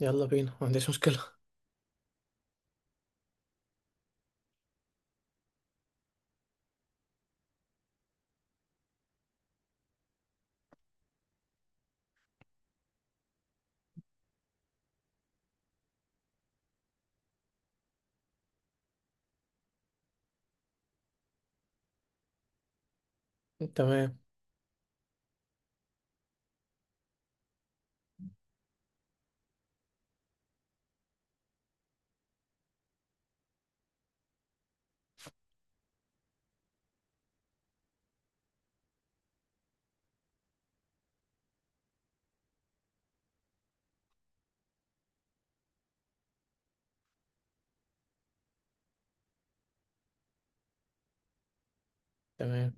يلا بينا، ما عنديش مشكلة. تمام. تمام.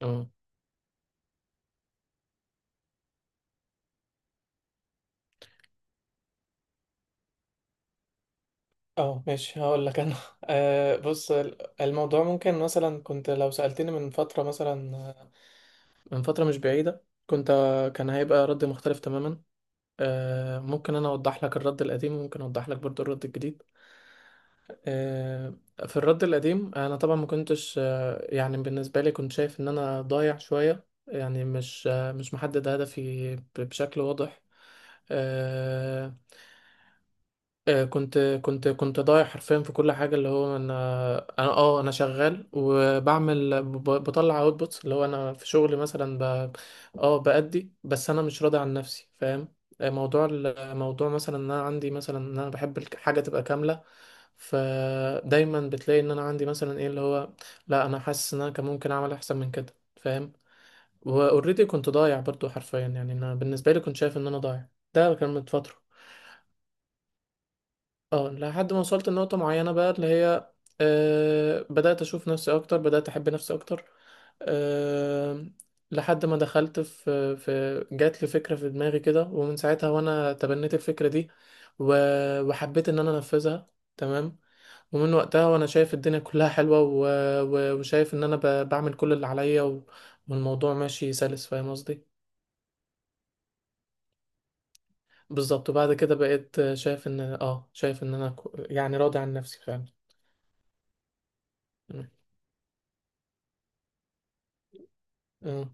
اه، اه، ماشي، هقول لك انا. بص، الموضوع ممكن مثلا، كنت لو سألتني من فترة مثلا، من فترة مش بعيدة كنت، كان هيبقى رد مختلف تماما. ممكن انا اوضح لك الرد القديم، وممكن اوضح لك برضو الرد الجديد. آه في الرد القديم، انا طبعا ما كنتش، يعني بالنسبة لي كنت شايف ان انا ضايع شوية، يعني مش، مش محدد هدفي بشكل واضح. آه آه، كنت كنت ضايع حرفيا في كل حاجه، اللي هو انا، انا شغال وبعمل، بطلع اوتبوتس، اللي هو انا في شغلي مثلا ب... اه بأدي، بس انا مش راضي عن نفسي، فاهم؟ موضوع، موضوع مثلا ان انا عندي مثلا، ان انا بحب الحاجه تبقى كامله، فدايما بتلاقي ان انا عندي مثلا ايه اللي هو، لا انا حاسس ان انا كان ممكن اعمل احسن من كده، فاهم؟ واوريدي كنت ضايع برضو حرفيا، يعني انا بالنسبه لي كنت شايف ان انا ضايع. ده كان من فتره. اه، لحد ما وصلت لنقطة معينة، بقى اللي هي، بدأت أشوف نفسي أكتر، بدأت أحب نفسي أكتر. آه لحد ما، دخلت في في جات لي فكرة في دماغي كده، ومن ساعتها وأنا تبنيت الفكرة دي، و- وحبيت إن أنا أنفذها. تمام. ومن وقتها وأنا شايف الدنيا كلها حلوة، و- و- وشايف إن أنا بعمل كل اللي عليا، والموضوع ماشي سلس، فاهم قصدي؟ بالظبط. وبعد كده بقيت شايف إن، شايف إن أنا يعني راضي عن نفسي فعلا. تمام. اه،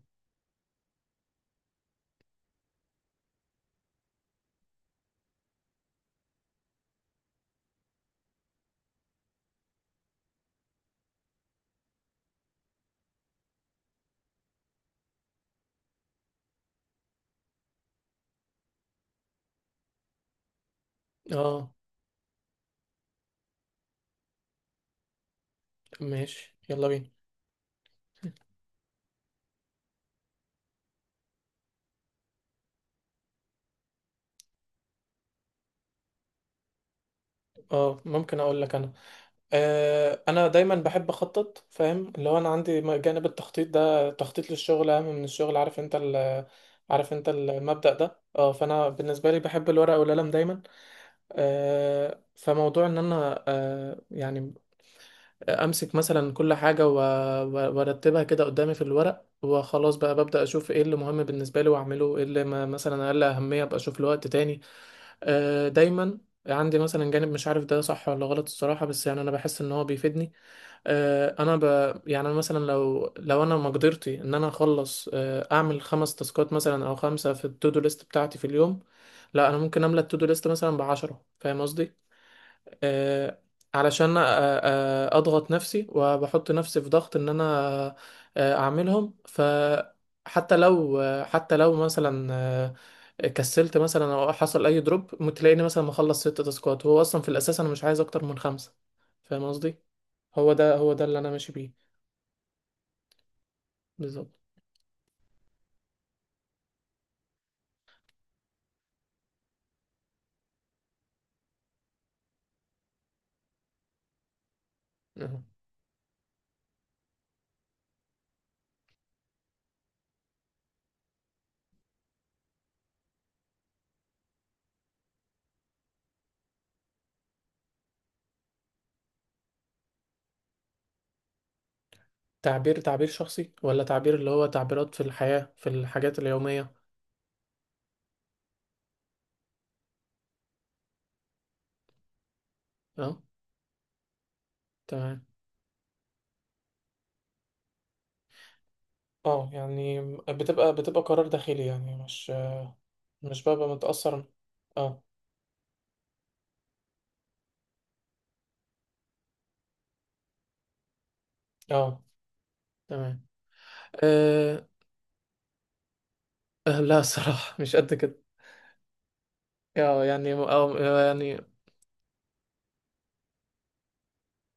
اه، ماشي، يلا بينا. اه، ممكن اقول لك انا، انا دايما بحب اخطط، فاهم؟ اللي هو انا عندي، جانب التخطيط ده، تخطيط للشغل اهم من الشغل. عارف انت المبدأ ده، اه. فانا بالنسبه لي بحب الورقه والقلم دايما. فموضوع ان انا، يعني امسك مثلا كل حاجه، و- و- وارتبها كده قدامي في الورق، وخلاص بقى ببدا اشوف ايه اللي مهم بالنسبه لي واعمله، ايه اللي ما مثلا اقل اهميه ابقى اشوف له وقت تاني. دايما عندي مثلا جانب، مش عارف ده صح ولا غلط الصراحه، بس يعني انا بحس ان هو بيفيدني. آه، انا ب... يعني أنا مثلا، لو انا مقدرتي ان انا اخلص، اعمل 5 تاسكات مثلا او 5 في التودو ليست بتاعتي في اليوم. لا انا ممكن املى التودو ليست مثلا بعشرة، فاهم قصدي؟ آه، علشان آه، آه، اضغط نفسي وبحط نفسي في ضغط ان انا، اعملهم. فحتى لو، حتى لو مثلا، كسلت مثلا او حصل اي دروب، تلاقيني مثلا مخلص 6 تاسكات، هو اصلا في الاساس انا مش عايز اكتر من 5، فاهم قصدي؟ هو ده، هو ده اللي انا ماشي بيه. بالظبط. أهو. تعبير شخصي، ولا تعبير اللي هو تعبيرات في الحياة، في الحاجات اليومية؟ اه، تمام. اه، يعني بتبقى قرار داخلي، يعني مش، مش ببقى متأثر. اه، اه، تمام. أه. لا صراحة، مش قد كده. اه، يعني، أو يعني،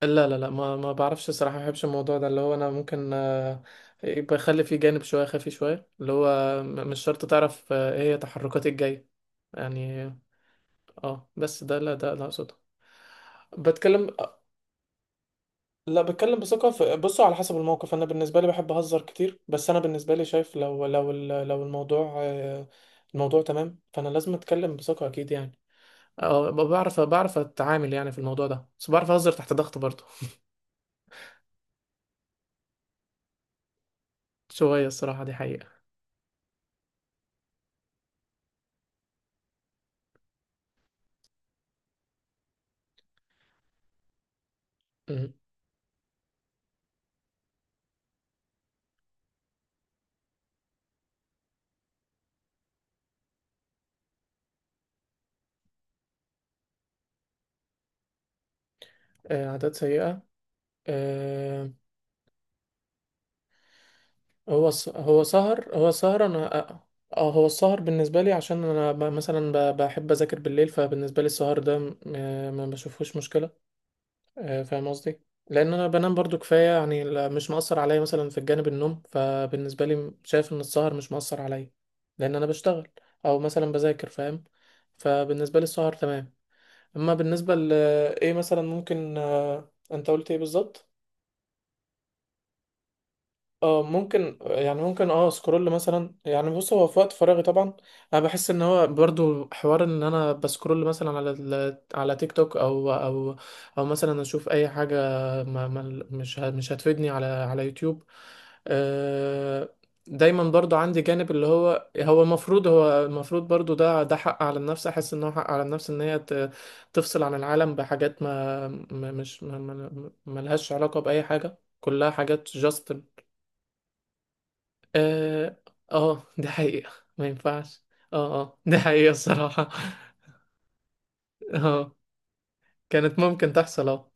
لا، لا، لا، ما بعرفش صراحة، ما بحبش الموضوع ده، اللي هو انا ممكن، يبقى يخلي فيه جانب شوية خفي، شوية اللي هو، مش شرط تعرف، ايه هي تحركاتي الجاية، يعني. اه بس ده لا، ده لا اقصده. بتكلم، لا، بتكلم بثقة. بصوا على حسب الموقف، أنا بالنسبة لي بحب أهزر كتير، بس أنا بالنسبة لي شايف، لو الموضوع، الموضوع تمام، فأنا لازم أتكلم بثقة، أكيد يعني. أه، بعرف أتعامل يعني في الموضوع ده، بس بعرف أهزر تحت ضغط برضه. شوية، الصراحة دي حقيقة. مم. عادات سيئة. آه، هو هو سهر، أنا، أه آه، هو السهر بالنسبة لي عشان أنا، بحب أذاكر بالليل، فبالنسبة لي السهر ده، ما بشوفهوش مشكلة. فاهم قصدي؟ لان انا بنام برضو كفايه، يعني، مش مأثر عليا مثلا في الجانب النوم، فبالنسبه لي، شايف ان السهر مش مأثر عليا، لان انا بشتغل او مثلا بذاكر، فاهم؟ فبالنسبه لي السهر تمام. اما بالنسبه ل، ايه مثلا ممكن، انت قلت ايه بالظبط؟ اه ممكن، يعني ممكن، اه، سكرول مثلا. يعني بص، هو في وقت فراغي طبعا، انا بحس ان هو برضو حوار، ان انا بسكرول مثلا على على تيك توك، او او مثلا اشوف اي حاجه، ما ما مش ه- مش هتفيدني، على على يوتيوب. آه، دايما برضو عندي جانب اللي هو، هو المفروض برضو ده، حق على النفس، احس ان هو حق على النفس ان هي، تفصل عن العالم بحاجات، ما ما- مش ما ما- ما لهاش علاقه باي حاجه، كلها حاجات جاست. اه، ده حقيقة. ما ينفعش. اه، اه، ده حقيقة الصراحة. اه. كانت ممكن تحصل، اه.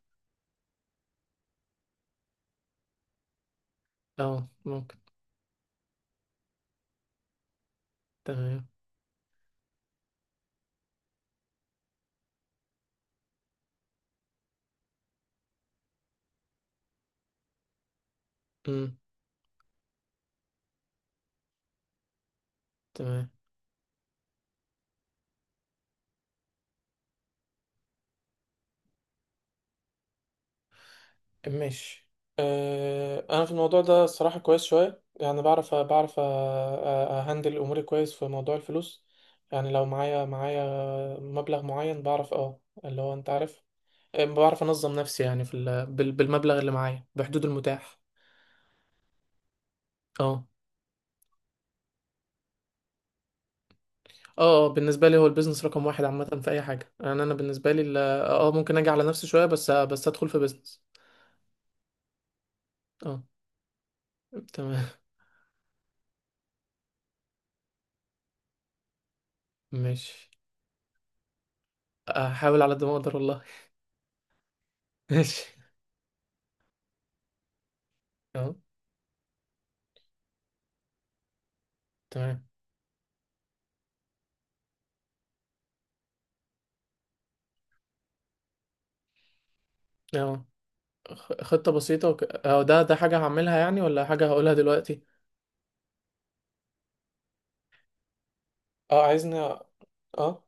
اه، ممكن. تمام. امم. تمام. ماشي. انا في الموضوع ده الصراحة كويس شوية، يعني بعرف اهندل اموري كويس في موضوع الفلوس. يعني لو معايا، مبلغ معين، بعرف، اه، اللي هو انت عارف، بعرف انظم نفسي يعني بالمبلغ اللي معايا، بحدود المتاح. اه. اه، بالنسبه لي هو البيزنس رقم واحد عامه في اي حاجه، يعني انا بالنسبه لي، ممكن اجي على نفسي شويه، بس بس ادخل في بيزنس. اه. تمام. ماشي. احاول على قد ما اقدر والله. ماشي. اه، تمام. اه، خطه بسيطه، وك... اه ده، حاجه هعملها يعني، ولا حاجه هقولها دلوقتي؟ اه، عايزني؟ اه، اه،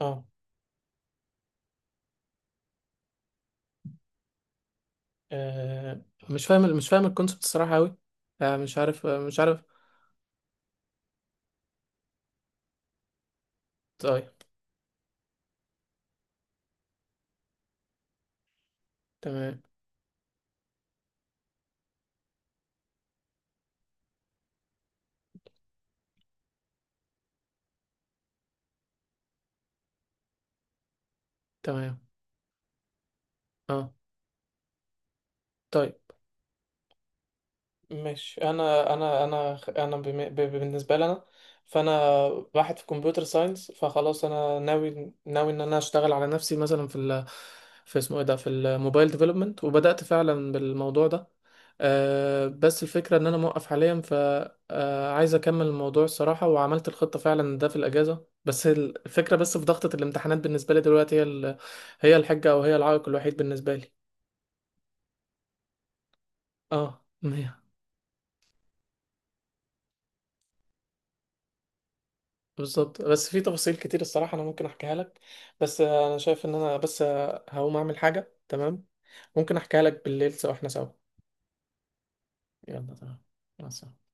اه مش فاهم، مش فاهم الكونسبت الصراحه قوي. مش عارف، مش عارف. طيب. تمام. تمام. اه. طيب، مش انا انا، بالنسبه لي انا، فانا واحد في كمبيوتر ساينس، فخلاص انا ناوي، ان انا اشتغل على نفسي مثلا في ال، في اسمه ايه ده، في الموبايل ديفلوبمنت، وبدات فعلا بالموضوع ده. أه، بس الفكره ان انا موقف حاليا، ف، عايز اكمل الموضوع الصراحه. وعملت الخطه فعلا ده في الاجازه، بس الفكره، بس في ضغطه الامتحانات، بالنسبه لي دلوقتي، هي هي الحجه، او هي العائق الوحيد بالنسبه لي. اه، مية. بالظبط. بس في تفاصيل كتير الصراحة، أنا ممكن أحكيها لك، بس أنا شايف إن أنا بس، هقوم أعمل حاجة تمام. ممكن أحكيها لك بالليل، سوا، إحنا سوا. يلا، تمام. مع السلامة.